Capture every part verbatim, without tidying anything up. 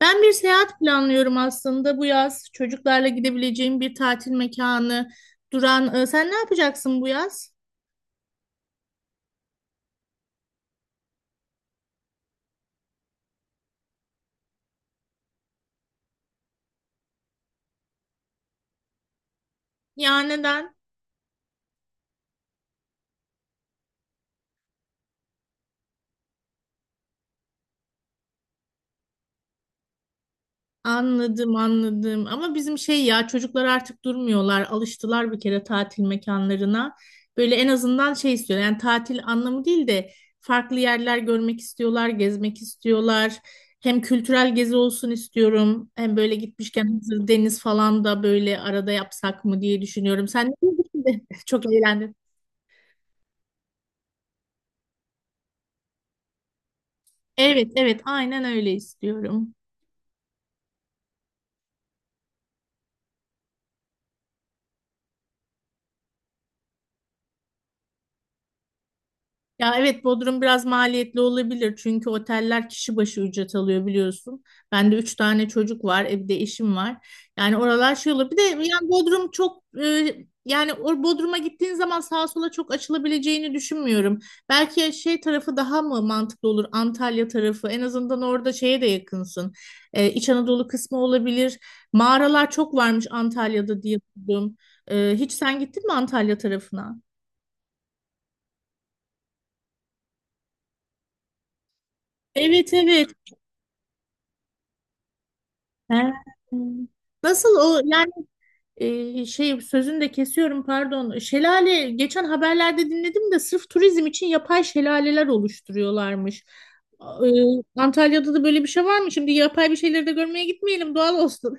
Ben bir seyahat planlıyorum aslında bu yaz. Çocuklarla gidebileceğim bir tatil mekanı, duran. Ee, Sen ne yapacaksın bu yaz? Ya neden? Anladım, anladım. Ama bizim şey ya çocuklar artık durmuyorlar. Alıştılar bir kere tatil mekanlarına. Böyle en azından şey istiyor, yani tatil anlamı değil de farklı yerler görmek istiyorlar, gezmek istiyorlar. Hem kültürel gezi olsun istiyorum. Hem böyle gitmişken hazır deniz falan da böyle arada yapsak mı diye düşünüyorum. Sen ne diyorsun? Çok eğlendim. Evet, evet, aynen öyle istiyorum. Ya evet, Bodrum biraz maliyetli olabilir çünkü oteller kişi başı ücret alıyor biliyorsun. Ben de üç tane çocuk var, e, bir de eşim var. Yani oralar şey olur. Bir de yani Bodrum çok e, yani o Bodrum'a gittiğin zaman sağa sola çok açılabileceğini düşünmüyorum. Belki şey tarafı daha mı mantıklı olur? Antalya tarafı. En azından orada şeye de yakınsın. E, İç Anadolu kısmı olabilir. Mağaralar çok varmış Antalya'da diye duydum. E, hiç sen gittin mi Antalya tarafına? Evet, evet. He. Nasıl o yani e, şey, sözünü de kesiyorum pardon. Şelale geçen haberlerde dinledim de sırf turizm için yapay şelaleler oluşturuyorlarmış. E, Antalya'da da böyle bir şey var mı? Şimdi yapay bir şeyleri de görmeye gitmeyelim, doğal olsun.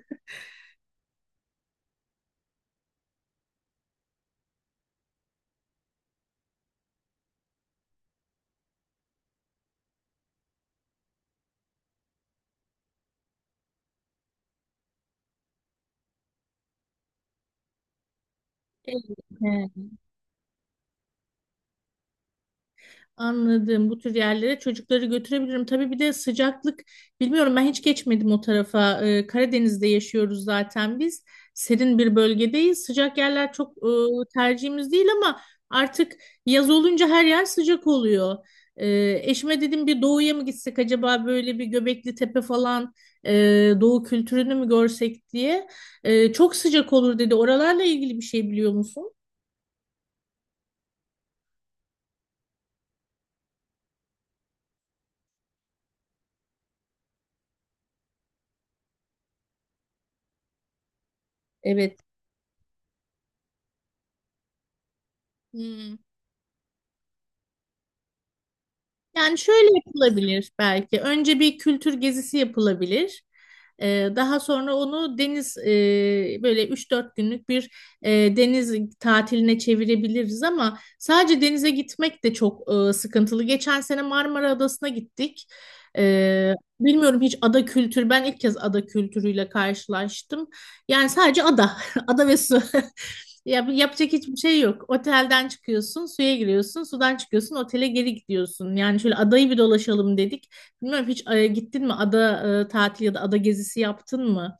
Evet. He. Anladım. Bu tür yerlere çocukları götürebilirim. Tabii bir de sıcaklık bilmiyorum, ben hiç geçmedim o tarafa. Ee, Karadeniz'de yaşıyoruz zaten biz. Serin bir bölgedeyiz. Sıcak yerler çok e, tercihimiz değil ama artık yaz olunca her yer sıcak oluyor. Ee, eşime dedim bir doğuya mı gitsek acaba, böyle bir Göbekli Tepe falan, e, doğu kültürünü mü görsek diye. Ee, çok sıcak olur dedi. Oralarla ilgili bir şey biliyor musun? Evet. Hmm. Yani şöyle yapılabilir belki. Önce bir kültür gezisi yapılabilir. Ee, daha sonra onu deniz, e, böyle üç dört günlük bir e, deniz tatiline çevirebiliriz ama sadece denize gitmek de çok e, sıkıntılı. Geçen sene Marmara Adası'na gittik. Ee, Bilmiyorum hiç ada kültürü. Ben ilk kez ada kültürüyle karşılaştım. Yani sadece ada, ada ve su. Ya yapacak hiçbir şey yok. Otelden çıkıyorsun, suya giriyorsun, sudan çıkıyorsun, otele geri gidiyorsun. Yani şöyle adayı bir dolaşalım dedik. Bilmiyorum hiç, e, gittin mi ada e, tatili ya da ada gezisi yaptın mı?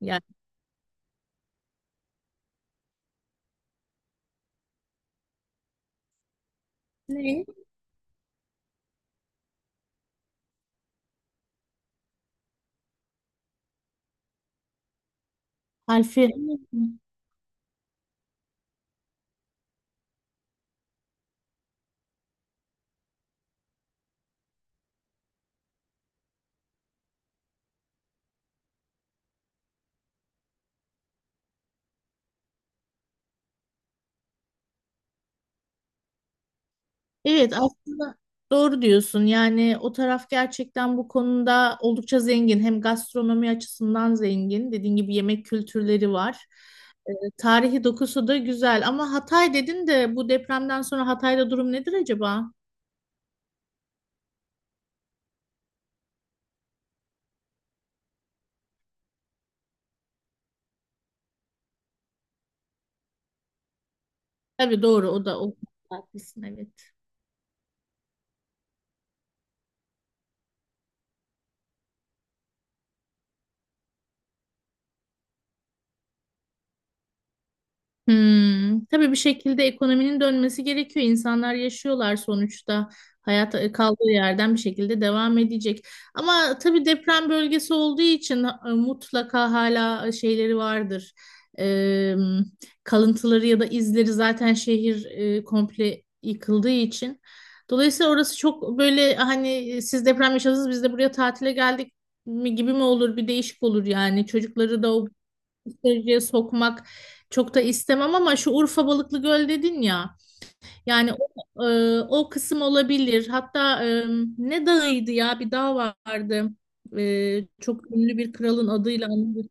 Yani ne? Alfi. Evet, aslında doğru diyorsun. Yani o taraf gerçekten bu konuda oldukça zengin. Hem gastronomi açısından zengin. Dediğin gibi yemek kültürleri var. E, Tarihi dokusu da güzel. Ama Hatay dedin de, bu depremden sonra Hatay'da durum nedir acaba? Tabii, doğru, o da o konuda haklısın, evet. Hmm, tabii bir şekilde ekonominin dönmesi gerekiyor. İnsanlar yaşıyorlar sonuçta. Hayat e, kaldığı yerden bir şekilde devam edecek. Ama tabii deprem bölgesi olduğu için e, mutlaka hala e, şeyleri vardır. E, Kalıntıları ya da izleri, zaten şehir e, komple yıkıldığı için. Dolayısıyla orası çok böyle hani, e, siz deprem yaşadınız biz de buraya tatile geldik mi gibi mi olur, bir değişik olur yani, çocukları da o seyirciye sokmak çok da istemem ama şu Urfa Balıklı Göl dedin ya, yani o, e, o kısım olabilir, hatta e, ne dağıydı ya, bir dağ vardı. E, çok ünlü bir kralın adıyla anılır.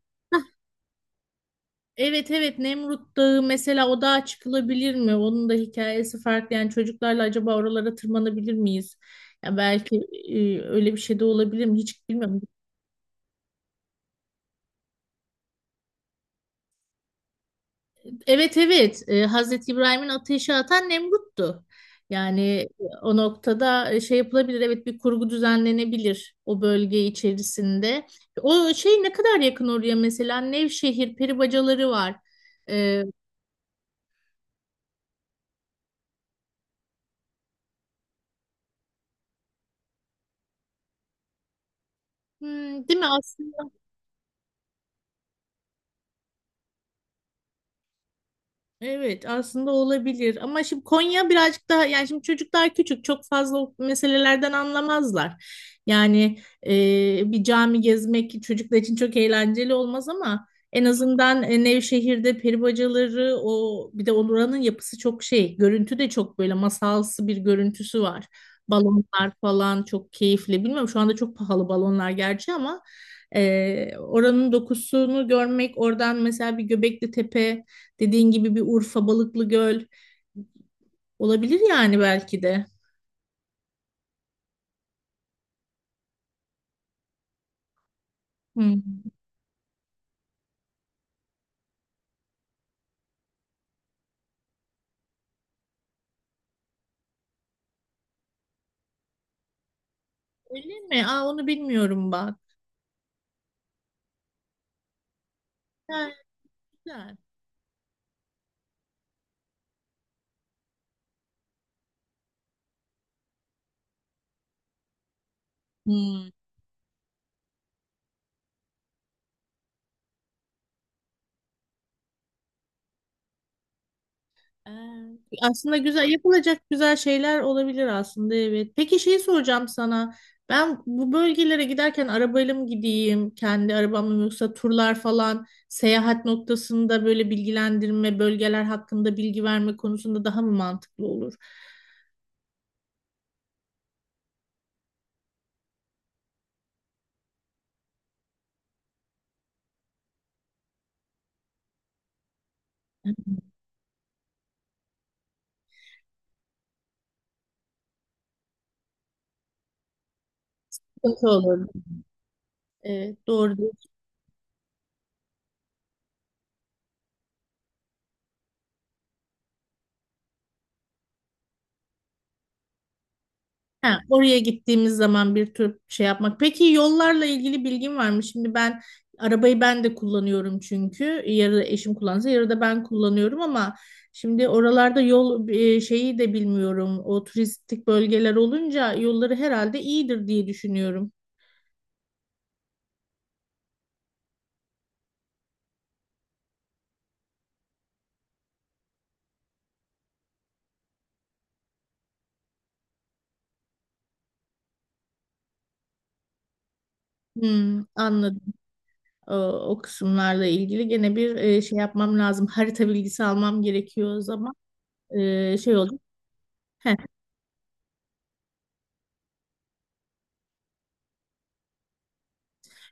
Evet, evet, Nemrut Dağı mesela, o dağa çıkılabilir mi? Onun da hikayesi farklı yani, çocuklarla acaba oralara tırmanabilir miyiz? Ya belki e, öyle bir şey de olabilir mi? Hiç bilmiyorum. Evet, evet, e, Hazreti İbrahim'in ateşe atan Nemrut'tu. Yani o noktada e, şey yapılabilir, evet, bir kurgu düzenlenebilir o bölge içerisinde. O şey ne kadar yakın oraya, mesela Nevşehir peribacaları var. E, hmm, değil mi? Evet aslında olabilir ama şimdi Konya birazcık daha, yani şimdi çocuklar küçük, çok fazla o meselelerden anlamazlar. Yani e, bir cami gezmek çocuklar için çok eğlenceli olmaz ama en azından e, Nevşehir'de peri bacaları, o bir de oranın yapısı çok şey, görüntü de çok böyle masalsı bir görüntüsü var. Balonlar falan çok keyifli, bilmiyorum, şu anda çok pahalı balonlar gerçi ama e, oranın dokusunu görmek, oradan mesela bir Göbekli Tepe, dediğin gibi bir Urfa, Balıklıgöl olabilir yani belki de. Hmm. Öyle mi? Aa, onu bilmiyorum bak. Ha, güzel. Hmm. Ee, Aslında güzel yapılacak güzel şeyler olabilir aslında, evet. Peki şeyi soracağım sana. Ben bu bölgelere giderken arabayla mı gideyim, kendi arabamla mı, yoksa turlar falan seyahat noktasında böyle bilgilendirme, bölgeler hakkında bilgi verme konusunda daha mı mantıklı olur? Sıkıntı olur. Evet, doğru. Ha, oraya gittiğimiz zaman bir tür şey yapmak. Peki yollarla ilgili bilgin var mı? Şimdi ben arabayı, ben de kullanıyorum çünkü. Yarı eşim kullansa, yarı da ben kullanıyorum ama şimdi oralarda yol e, şeyi de bilmiyorum. O turistik bölgeler olunca yolları herhalde iyidir diye düşünüyorum. Hmm, anladım. O, o kısımlarla ilgili gene bir e, şey yapmam lazım. Harita bilgisi almam gerekiyor o zaman. E, şey oldu.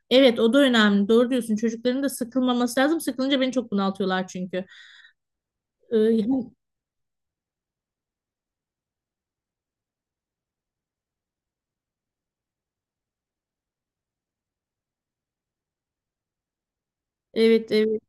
Evet, o da önemli. Doğru diyorsun. Çocukların da sıkılmaması lazım. Sıkılınca beni çok bunaltıyorlar çünkü. Ee, yani- evet, evet.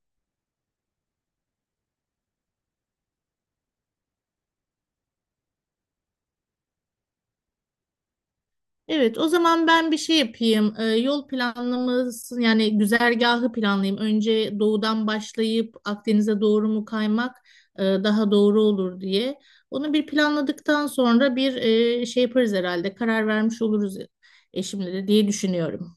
Evet, o zaman ben bir şey yapayım. Ee, yol planlaması, yani güzergahı planlayayım. Önce doğudan başlayıp Akdeniz'e doğru mu kaymak e, daha doğru olur diye. Onu bir planladıktan sonra bir e, şey yaparız herhalde. Karar vermiş oluruz eşimle de diye düşünüyorum.